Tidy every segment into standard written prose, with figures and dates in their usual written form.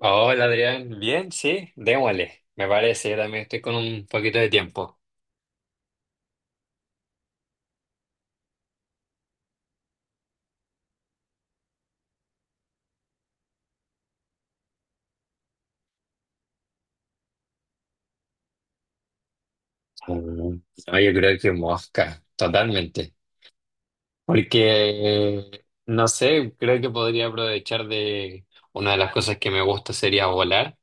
Hola Adrián, bien, sí, démosle, me parece, yo también estoy con un poquito de tiempo. Mm, no, yo creo que mosca, totalmente, porque no sé, creo que podría aprovechar de una de las cosas que me gusta sería volar,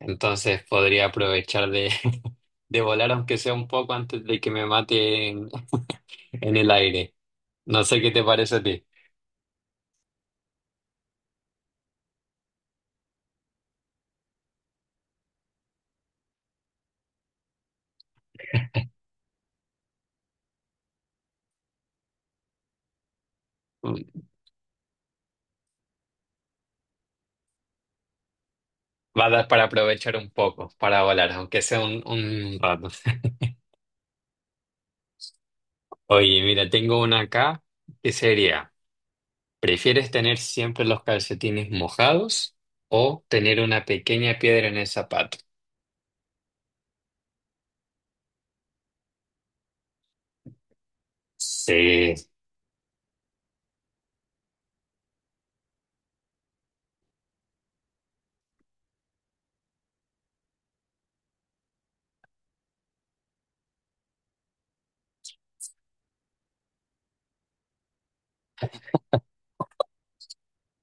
entonces podría aprovechar de, de volar aunque sea un poco antes de que me mate en el aire. No sé qué te parece a ti. Va a dar para aprovechar un poco, para volar, aunque sea un rato. Oye, mira, tengo una acá que sería, ¿prefieres tener siempre los calcetines mojados o tener una pequeña piedra en el zapato? Sí,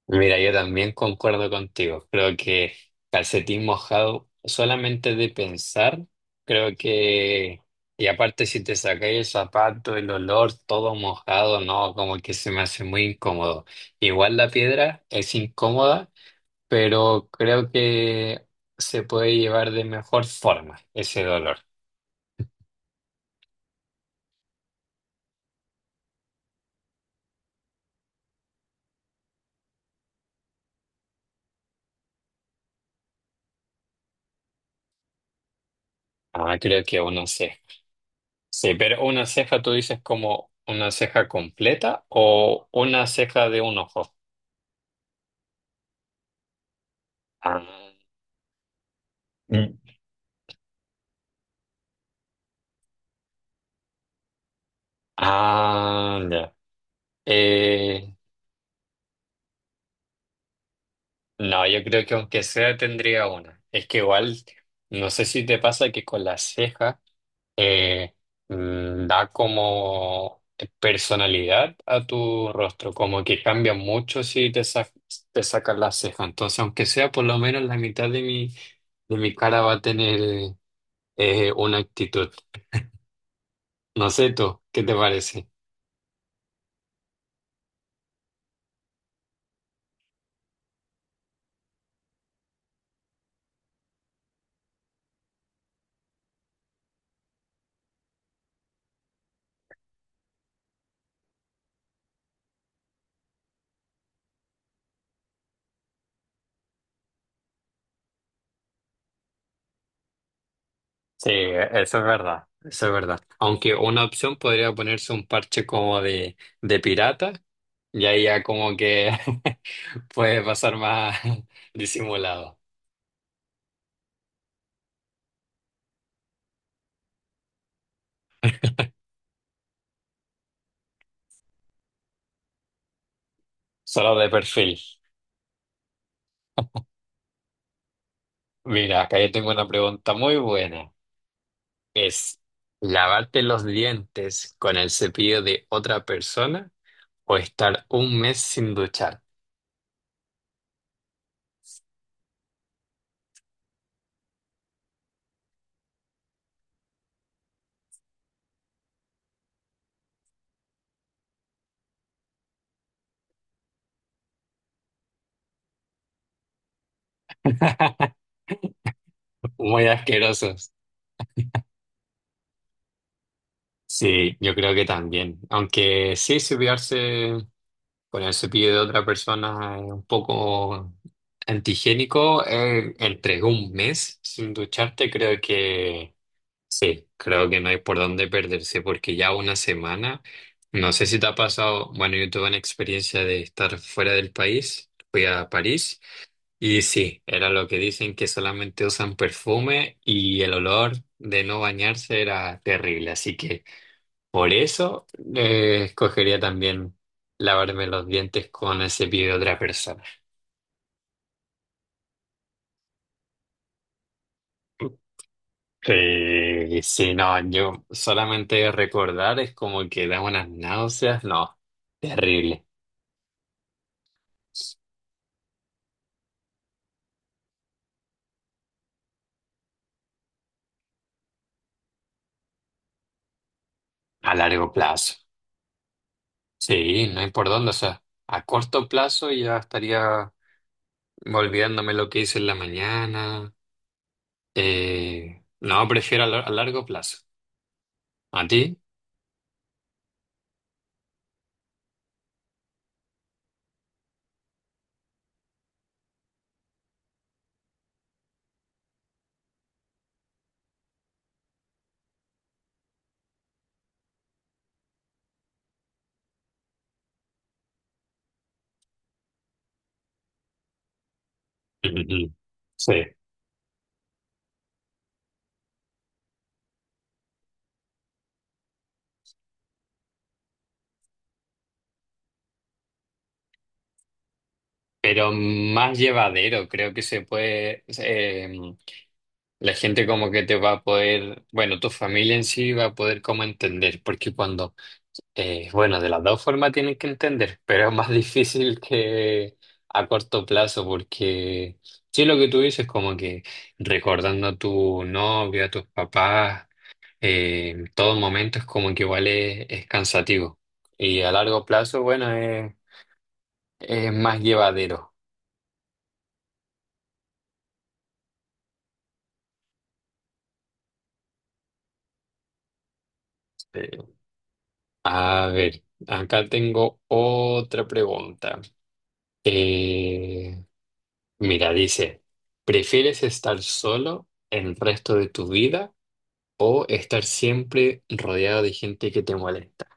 mira, yo también concuerdo contigo. Creo que calcetín mojado, solamente de pensar, creo que, y aparte si te sacáis el zapato, el olor, todo mojado, no, como que se me hace muy incómodo. Igual la piedra es incómoda pero creo que se puede llevar de mejor forma ese dolor. Ah, creo que una ceja. Sí, pero una ceja tú dices como una ceja completa o una ceja de un ojo. Ah, mm. Ah, ya. Eh, no, yo creo que aunque sea tendría una. Es que igual, no sé si te pasa que con la ceja eh, da como personalidad a tu rostro, como que cambia mucho si te sacas la ceja. Entonces, aunque sea por lo menos la mitad de de mi cara va a tener una actitud. No sé tú, ¿qué te parece? Sí, eso es verdad, eso es verdad. Aunque una opción podría ponerse un parche como de pirata y ahí ya como que puede pasar más disimulado, solo de perfil. Mira, acá yo tengo una pregunta muy buena. ¿Es lavarte los dientes con el cepillo de otra persona o estar un mes sin duchar? Muy asquerosos. Sí, yo creo que también. Aunque sí, cepillarse con el cepillo de otra persona es un poco antihigiénico, entre un mes sin ducharte, creo que sí, creo que no hay por dónde perderse porque ya una semana, no sé si te ha pasado, bueno, yo tuve una experiencia de estar fuera del país, fui a París y sí, era lo que dicen que solamente usan perfume y el olor de no bañarse era terrible, así que por eso escogería también lavarme los dientes con el cepillo de otra persona. Sí, sí, no, yo solamente de recordar es como que da unas náuseas, no, terrible, a largo plazo. Sí, no hay por dónde, o sea, a corto plazo ya estaría olvidándome lo que hice en la mañana. No, prefiero a largo plazo. ¿A ti? Ujú. Sí. Pero más llevadero, creo que se puede, la gente como que te va a poder, bueno, tu familia en sí va a poder como entender, porque cuando bueno, de las dos formas tienen que entender, pero es más difícil que a corto plazo, porque sí lo que tú dices, como que recordando a tu novia, a tus papás, en todo momento es como que igual es cansativo. Y a largo plazo, bueno, es más llevadero. Eh, a ver, acá tengo otra pregunta. Eh, mira, dice, ¿prefieres estar solo el resto de tu vida? ¿O estar siempre rodeado de gente que te molesta?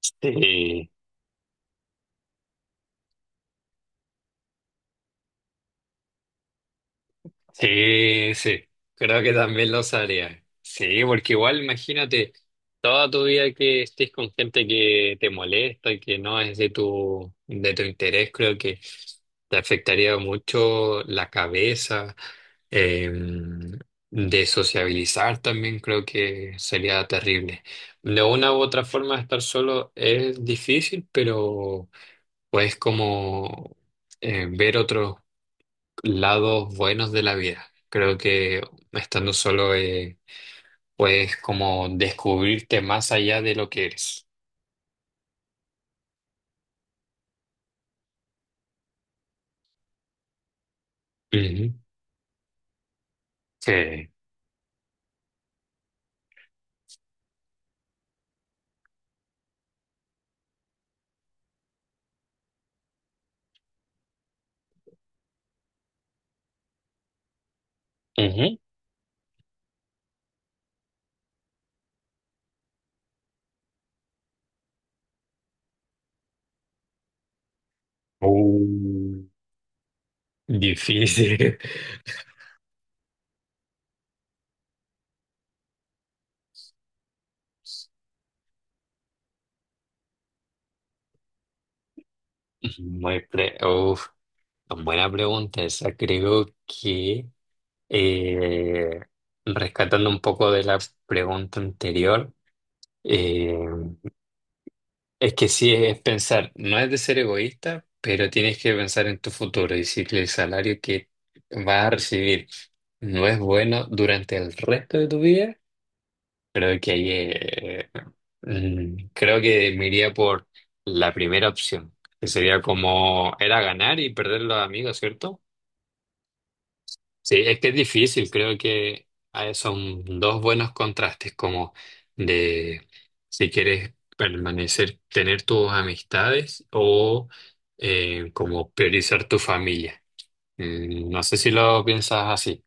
Sí, sí, sí. Creo que también lo haría. Sí, porque igual imagínate toda tu vida que estés con gente que te molesta y que no es de de tu interés, creo que te afectaría mucho la cabeza, eh, de sociabilizar también creo que sería terrible. De una u otra forma estar solo es difícil, pero puedes como ver otros lados buenos de la vida. Creo que estando solo puedes como descubrirte más allá de lo que eres. Ujú. Sí. Ujú. Uh, difícil. Muy pre- uf, buena pregunta esa. Creo que eh, rescatando un poco de la pregunta anterior, es que sí, es pensar, no es de ser egoísta, pero tienes que pensar en tu futuro y si el salario que vas a recibir no es bueno durante el resto de tu vida, creo que ahí creo que me iría por la primera opción, que sería como era ganar y perder los amigos, ¿cierto? Sí, es que es difícil, creo que ah, son dos buenos contrastes, como de si quieres permanecer, tener tus amistades o como priorizar tu familia. Mm, no sé si lo piensas así.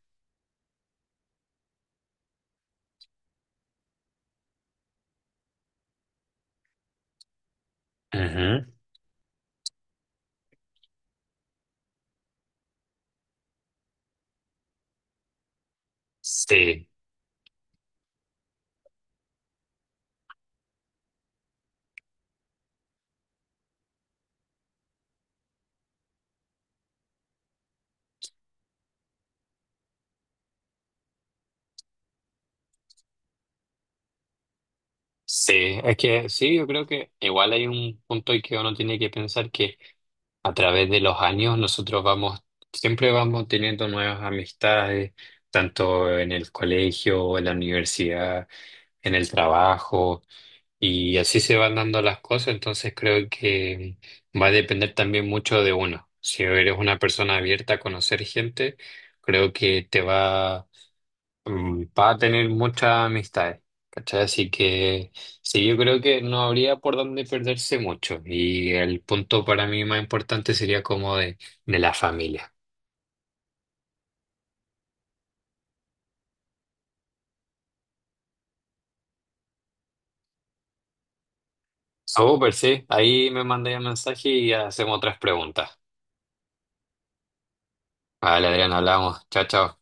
Ujú. Sí, sí, es que sí, yo creo que igual hay un punto en que uno tiene que pensar que a través de los años nosotros vamos, siempre vamos teniendo nuevas amistades, tanto en el colegio, en la universidad, en el trabajo, y así se van dando las cosas, entonces creo que va a depender también mucho de uno. Si eres una persona abierta a conocer gente, creo que te va va a tener muchas amistades, ¿cachai? Así que sí, yo creo que no habría por dónde perderse mucho. Y el punto para mí más importante sería como de la familia. Súper, sí. Ahí me mandé un mensaje y hacemos otras preguntas. Vale, Adrián, hablamos. Chao, chao.